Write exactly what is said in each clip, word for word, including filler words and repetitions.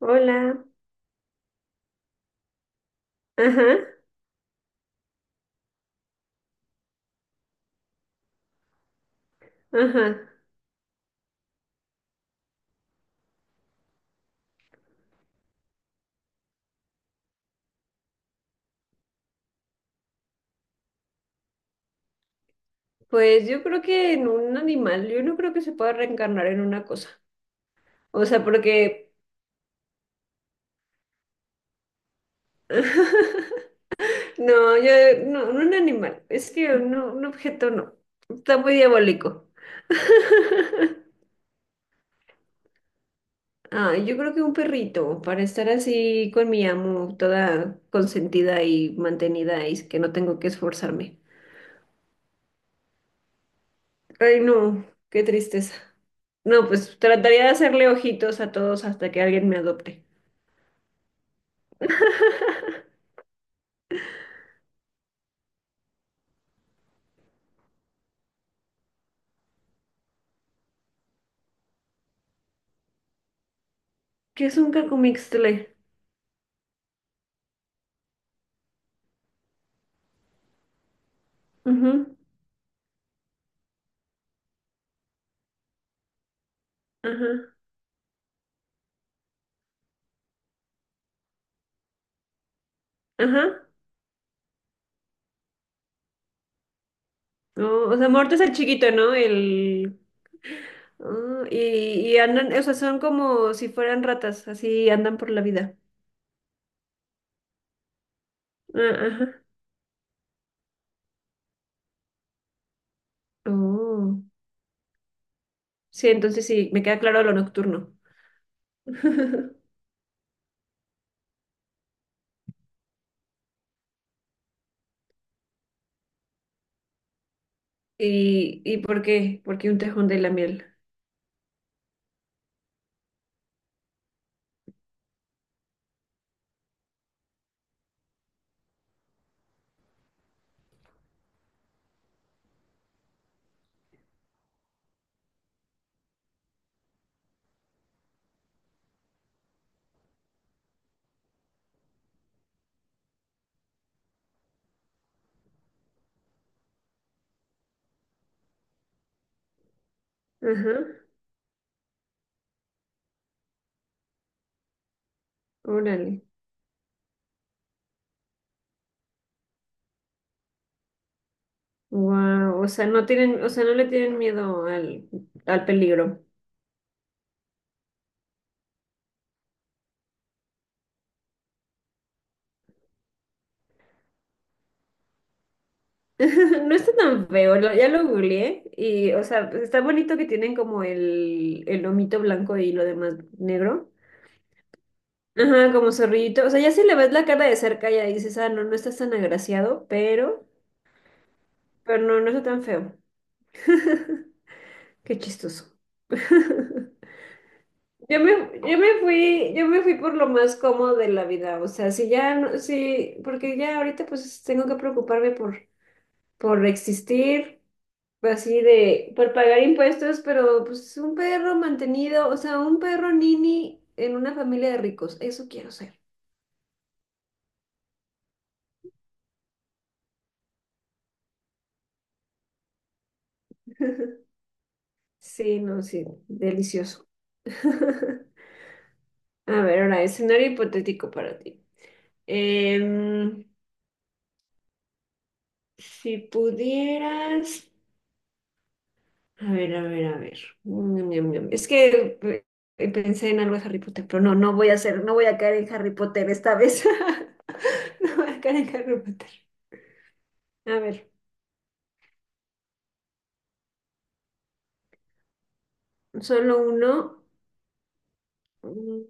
Hola. Ajá, ajá. Pues yo creo que en un animal, yo no creo que se pueda reencarnar en una cosa. O sea, porque... No, yo no, no un animal. Es que no, un objeto no. Está muy diabólico. Ah, yo creo que un perrito, para estar así con mi amo, toda consentida y mantenida y que no tengo que esforzarme. Ay, no, qué tristeza. No, pues trataría de hacerle ojitos a todos hasta que alguien me adopte. ¿Qué es un cacomixtle? Ujú. Ajá, ajá. No, o sea, muerto es el chiquito, ¿no? El... ah, y, y andan, o sea, son como si fueran ratas, así andan por la vida. Ah, ajá. Oh. Sí, entonces sí, me queda claro lo nocturno. ¿Y, y por qué? Porque un tejón de la miel. Ajá, órale. Wow, o sea, no tienen, o sea, no le tienen miedo al, al peligro. No está tan feo, lo- ya lo googleé y, o sea, pues, está bonito que tienen como el, el lomito blanco y lo demás negro. Ajá, como zorrillito. O sea, ya si le ves la cara de cerca ya dices, ah, no, no estás tan agraciado, pero, pero no, no está tan feo. Qué chistoso. Yo me, yo me fui, yo me fui por lo más cómodo de la vida, o sea, si ya, no- si, porque ya ahorita pues tengo que preocuparme por por existir, pues, así de, por pagar impuestos, pero pues un perro mantenido, o sea, un perro nini en una familia de ricos, eso quiero ser. Sí, no, sí, delicioso. A ver, ahora, escenario hipotético para ti. Em, si pudieras... A ver, a ver, a ver. Mm, Ñam, ñam, ñam. Es que eh, eh, pensé en algo de Harry Potter, pero no, no voy a hacer, no voy a caer en Harry Potter esta vez. No voy a caer en Harry Potter. A ver, solo uno. Mm.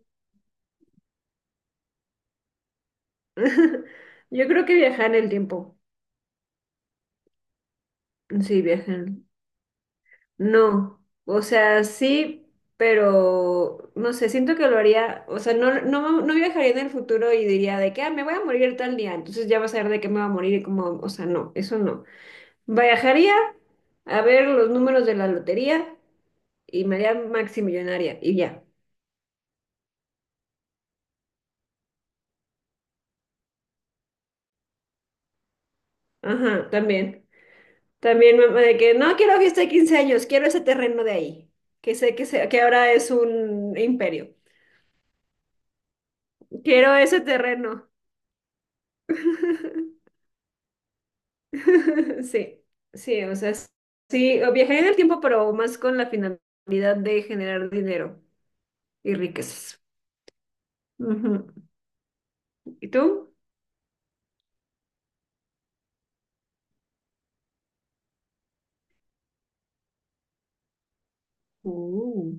Yo creo que viajar en el tiempo. Sí, viajar. No, o sea, sí, pero no sé, siento que lo haría, o sea, no, no, no viajaría en el futuro y diría de que, ah, me voy a morir tal día, entonces ya vas a ver de qué me va a morir y como, o sea, no, eso no. Viajaría a ver los números de la lotería y me haría maximillonaria y ya. Ajá, también. También me- de que no quiero fiesta de quince años, quiero ese terreno de ahí, que sé que, se- que ahora es un imperio. Quiero ese terreno. Sí, sí, o sea, sí, o viajar en el tiempo, pero más con la finalidad de generar dinero y riquezas. Ujú. ¿Y tú? Uh.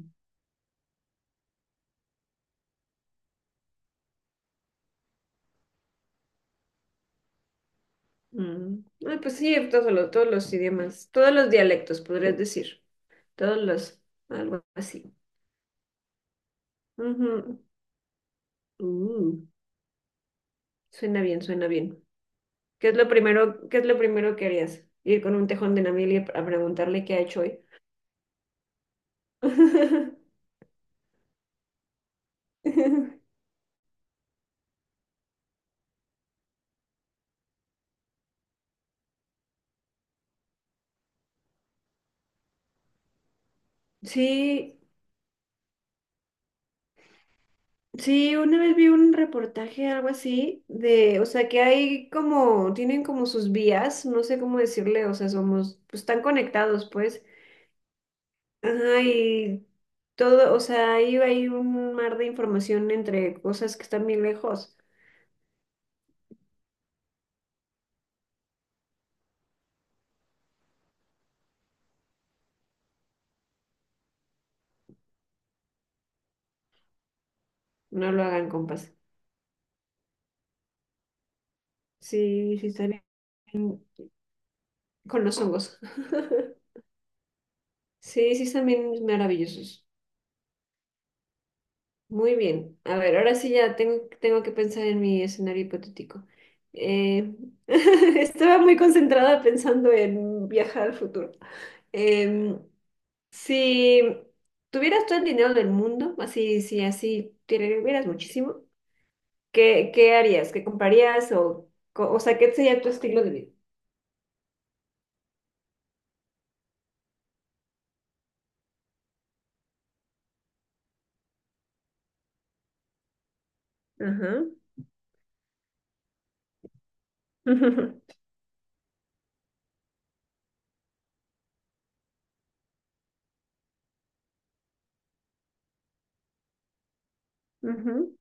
Mm. Ah, pues sí, todos los, todos los idiomas, todos los dialectos, podrías decir, todos los, algo así. Ujú. Uh. Suena bien, suena bien. ¿Qué es lo primero, ¿qué es lo primero que harías? Ir con un tejón de Namibia a preguntarle qué ha hecho hoy. Sí, sí, una vez vi un reportaje, algo así, de, o sea, que hay como, tienen como sus vías, no sé cómo decirle, o sea, somos, pues están conectados, pues. Ajá, y todo, o sea, ahí hay un mar de información entre cosas que están bien lejos. No lo hagan, compas. Sí, sí, están bien con los hongos. Sí, sí, están bien maravillosos. Muy bien. A ver, ahora sí ya tengo, tengo que pensar en mi escenario hipotético. Eh, estaba muy concentrada pensando en viajar al futuro. Em, si tuvieras todo el dinero del mundo, así, si así tuvieras muchísimo, ¿qué, ¿qué harías? ¿Qué comprarías? O, co- o sea, ¿qué sería tu estilo de vida? Ajá. Ujú.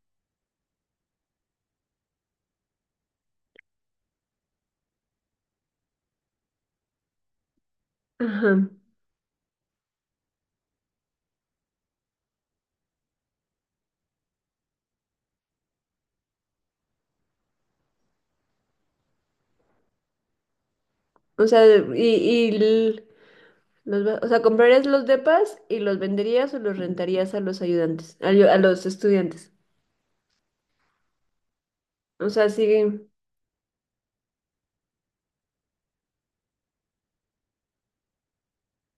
Ajá. O sea, y, y l- Los va- o sea, ¿comprarías los depas y los venderías o los rentarías a los ayudantes, a, yo- a los estudiantes? O sea, siguen.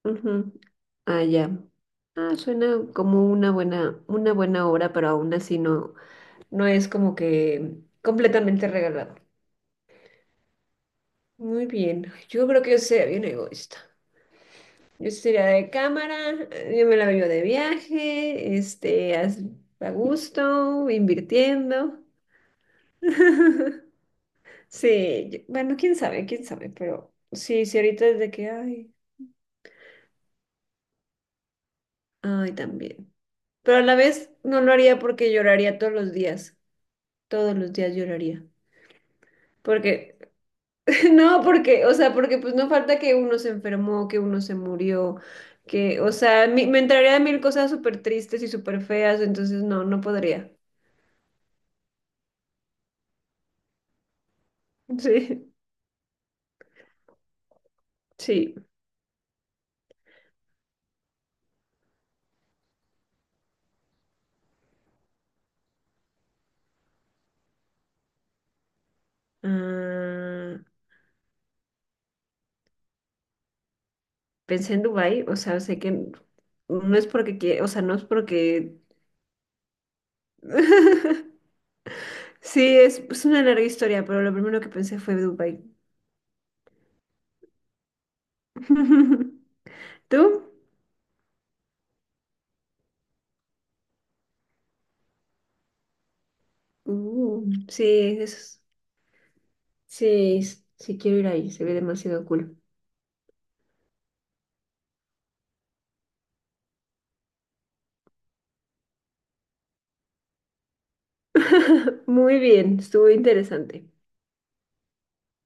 Ujú. Ah, ya. Ah, suena como una buena, una buena obra, pero aún así no, no es como que completamente regalado. Muy bien. Yo creo que yo sería bien egoísta. Yo sería de cámara, eh, yo me la veo de viaje, este, as- a gusto, invirtiendo. Sí, yo- bueno, quién sabe, quién sabe, pero sí, sí, ahorita desde que, ay, ay, también. Pero a la vez no lo haría porque lloraría todos los días, todos los días lloraría. Porque, no, porque, o sea, porque pues no falta que uno se enfermó, que uno se murió, que, o sea, mi- me entraría a mil cosas súper tristes y súper feas, entonces no, no podría. Sí, sí. Ah, pensé en Dubái, o sea, sé que no es porque, quie- o sea, no es porque... Sí, es, es una larga historia, pero lo primero que pensé fue Dubai. ¿Tú? Uh, sí, es- sí, s- sí quiero ir ahí, se ve demasiado cool. Muy bien, estuvo interesante.